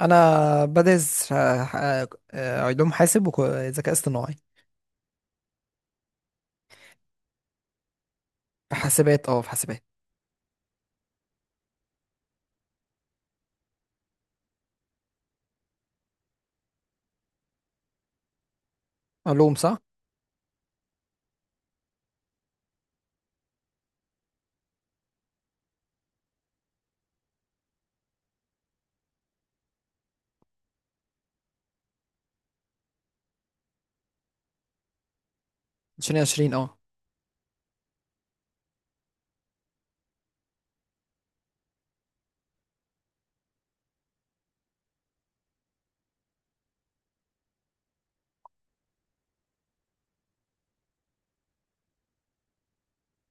انا بدرس علوم حاسب وذكاء اصطناعي في حاسبات في حاسبات. علوم صح. 2020 اه.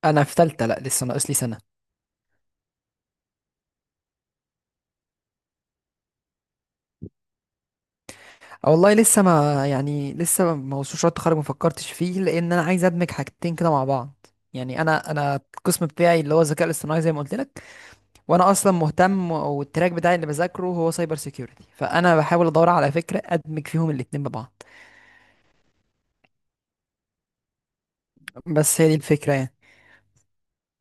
انا في تالتة، لا لسه ناقص لي سنة. والله لسه ما يعني لسه ما وصلش شوية التخرج، ما فكرتش فيه، لان انا عايز ادمج حاجتين كده مع بعض. يعني انا القسم بتاعي اللي هو الذكاء الاصطناعي زي ما قلت لك، وانا اصلا مهتم، والتراك بتاعي اللي بذاكره هو سايبر سيكيورتي، فانا بحاول ادور على فكرة ادمج فيهم الاتنين ببعض. بس هي دي الفكرة يعني.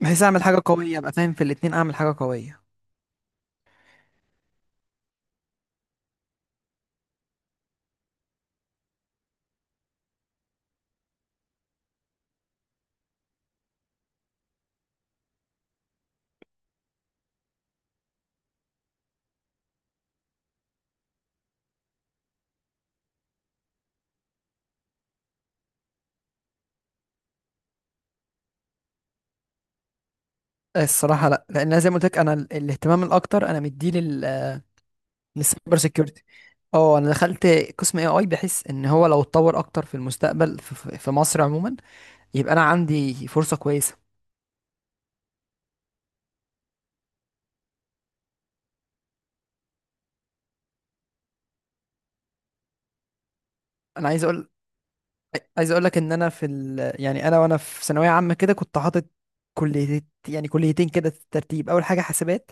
بحيث اعمل حاجة قوية، ابقى فاهم في الاتنين، اعمل حاجة قوية. الصراحه لا، لان أنا زي ما قلت لك انا الاهتمام الاكتر انا مديه لل للسايبر سيكيورتي. اه انا دخلت قسم اي اي بحيث ان هو لو اتطور اكتر في المستقبل في مصر عموما، يبقى انا عندي فرصه كويسه. انا عايز اقول عايز اقول لك ان انا في يعني انا وانا في ثانويه عامه كده كنت حاطط كليه، يعني كليتين كده في الترتيب. اول حاجه حاسبات،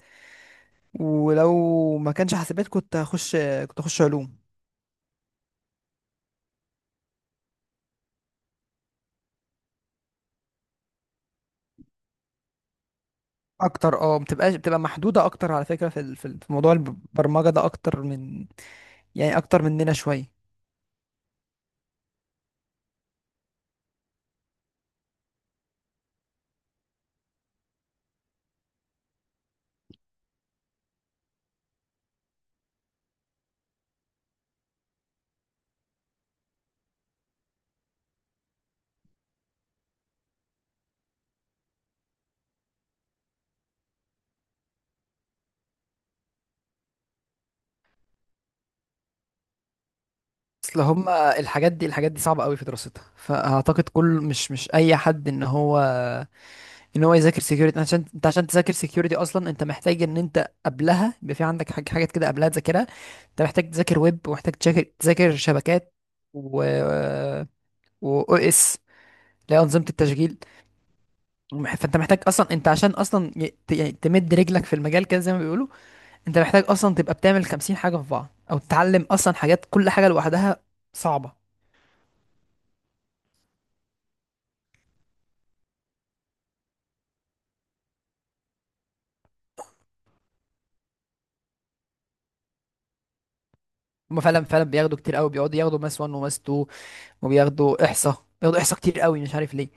ولو ما كانش حاسبات كنت هخش علوم. اكتر اه بتبقى محدوده اكتر على فكره في في موضوع البرمجه ده اكتر من، يعني اكتر مننا شويه. اصل هم الحاجات دي، الحاجات دي صعبه قوي في دراستها، فاعتقد كل مش اي حد ان هو يذاكر سكيورتي. عشان انت، عشان تذاكر سكيورتي اصلا انت محتاج ان انت قبلها يبقى في عندك حاجات كده قبلها تذاكرها. انت محتاج تذاكر ويب، ومحتاج تذاكر شبكات، و و او اس اللي هي انظمه التشغيل. فانت محتاج اصلا، انت عشان اصلا يعني تمد رجلك في المجال كده زي ما بيقولوا، انت محتاج اصلا تبقى بتعمل 50 حاجه في بعض، او تتعلم اصلا حاجات، كل حاجه لوحدها صعبه. هما فعلا بياخدوا كتير قوي، بيقعدوا ياخدوا ماس 1 وماس 2، وبياخدوا احصاء كتير قوي، مش عارف ليه.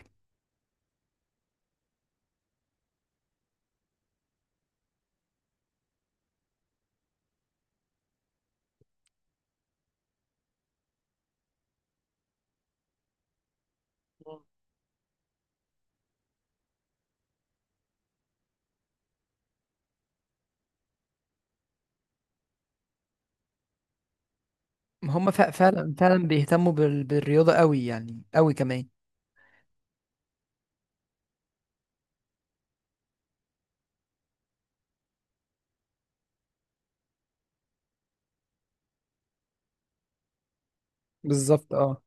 هما فعلا بيهتموا بالرياضة قوي، يعني قوي كمان. بالظبط اه.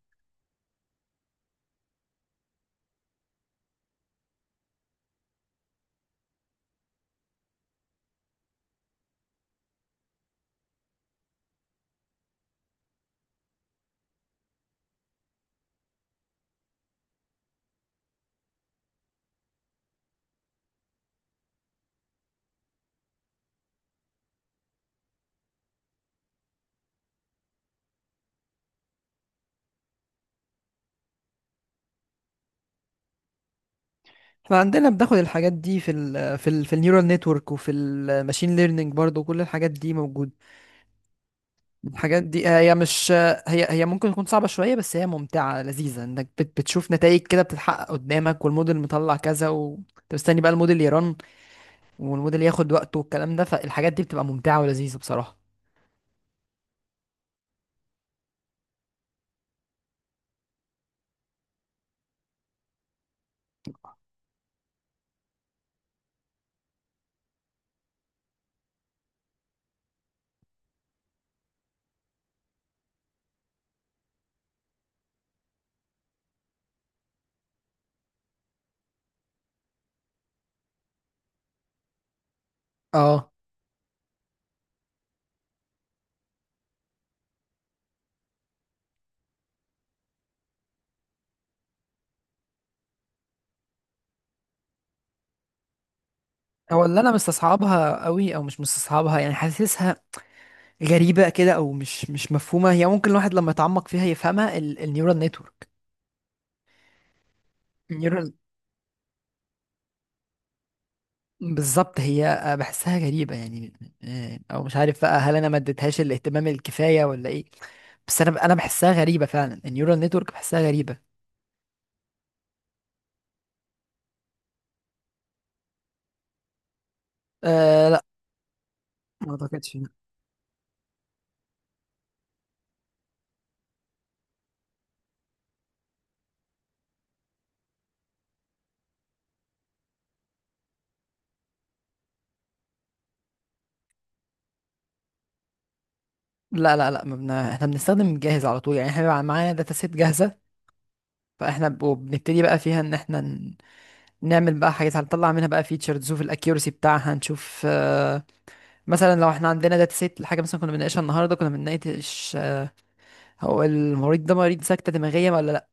احنا عندنا بناخد الحاجات دي في ال في ال في النيورال نتورك وفي الماشين ليرنينج، برضو كل الحاجات دي موجودة. الحاجات دي هي مش هي هي ممكن تكون صعبة شوية، بس هي ممتعة لذيذة، انك بتشوف نتائج كده بتتحقق قدامك، والموديل مطلع كذا، وانت مستني بقى الموديل يرن، والموديل ياخد وقته والكلام ده. فالحاجات دي بتبقى ممتعة ولذيذة بصراحة. اه. هو اللي انا مستصعبها قوي، او مش مستصعبها، يعني حاسسها غريبه كده، او مش مفهومه. هي ممكن الواحد لما يتعمق فيها يفهمها، النيورال نتورك، النيورال. بالظبط، هي بحسها غريبه يعني. او مش عارف بقى هل انا ما اديتهاش الاهتمام الكفايه، ولا ايه. بس انا بحسها غريبه فعلا، النيورال نتورك بحسها غريبه. أه لا، ما اعتقدش. لا لا لا ما بن... احنا بنستخدم جاهز على طول، يعني احنا بيبقى معانا داتا سيت جاهزه، فاحنا وبنبتدي بقى فيها ان احنا نعمل بقى حاجات، هنطلع منها بقى فيتشرز، نشوف الاكيورسي بتاعها، نشوف مثلا لو احنا عندنا داتا سيت لحاجه. مثلا كنا بنناقشها النهارده، كنا بنناقش هو المريض ده مريض سكته دماغيه ولا لا.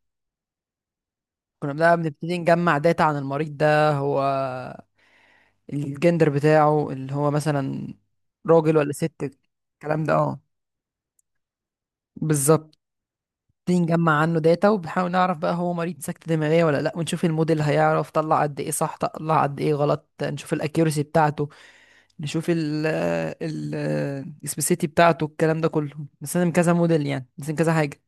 كنا بقى بنبتدي نجمع داتا عن المريض ده، هو الجندر بتاعه اللي هو مثلا راجل ولا ست، الكلام ده اه. بالظبط، نبتدي نجمع عنه داتا، وبنحاول نعرف بقى هو مريض سكتة دماغية ولا لا، ونشوف الموديل هيعرف، طلع قد ايه صح طلع قد ايه غلط، نشوف الاكيورسي بتاعته، نشوف ال ال السبيسيتي بتاعته. الكلام ده كله بنستخدم كذا موديل، يعني بنستخدم كذا حاجة.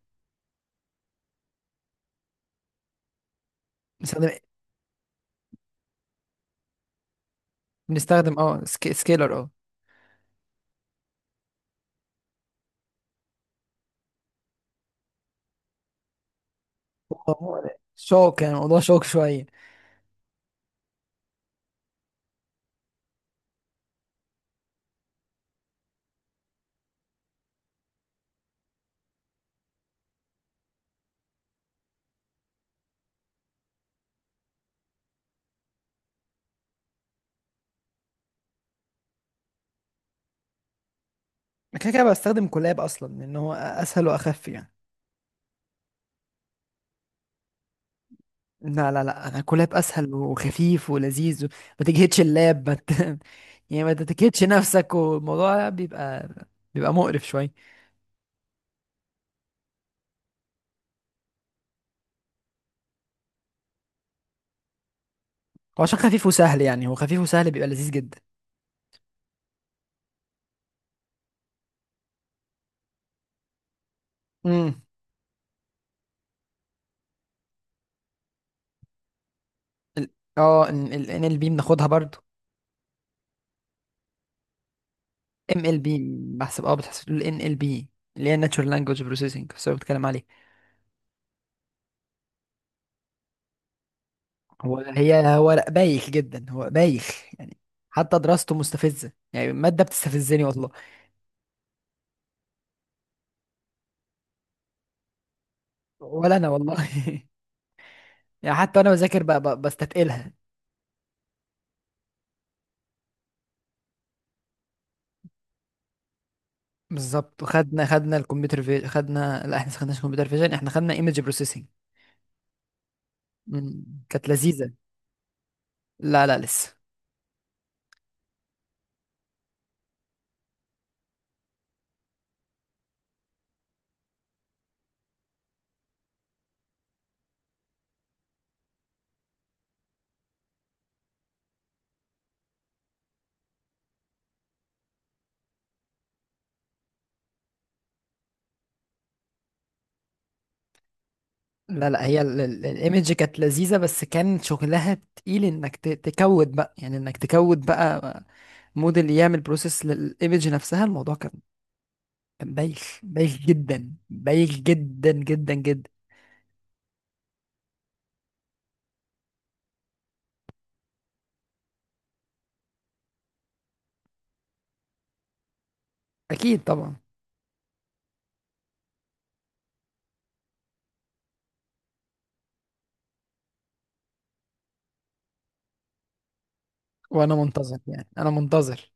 بنستخدم بنستخدم اه سكيلر اه. هو ده. شوك، يعني الموضوع شوك شوية. أنا كده كده بستخدم كولاب أصلا، لأن هو أسهل وأخف يعني. لا لا لا، انا كولاب اسهل وخفيف ولذيذ و... ما تجهدش اللاب، ما ت... يعني ما تتكتش نفسك، والموضوع بيبقى مقرف شوية. هو عشان خفيف وسهل، يعني هو خفيف وسهل بيبقى لذيذ جدا. امم. ال- ان ال بي بناخدها برضو. ام ال بي بحسب اه، بتحسب ال ان ال بي اللي هي Natural Language Processing، بس هو بتكلم عليه. هو هي هو لا، بايخ جدا، هو بايخ يعني. حتى دراسته مستفزة، يعني المادة بتستفزني والله. ولا انا والله يعني حتى وانا بذاكر بستتقلها. بالظبط. وخدنا خدنا الكمبيوتر في خدنا لا احنا ما خدناش كمبيوتر فيجن، احنا خدنا ايمج بروسيسنج. كانت لذيذة. لا لا لسه. لا لا، الايمج كانت لذيذة، بس كان شغلها تقيل انك تكود بقى، يعني انك تكود بقى موديل يعمل بروسيس للايمج نفسها. الموضوع كان، كان بايخ، بايخ جدا، بايخ جدا جدا جدا. اكيد طبعا. وانا منتظر، يعني انا منتظر.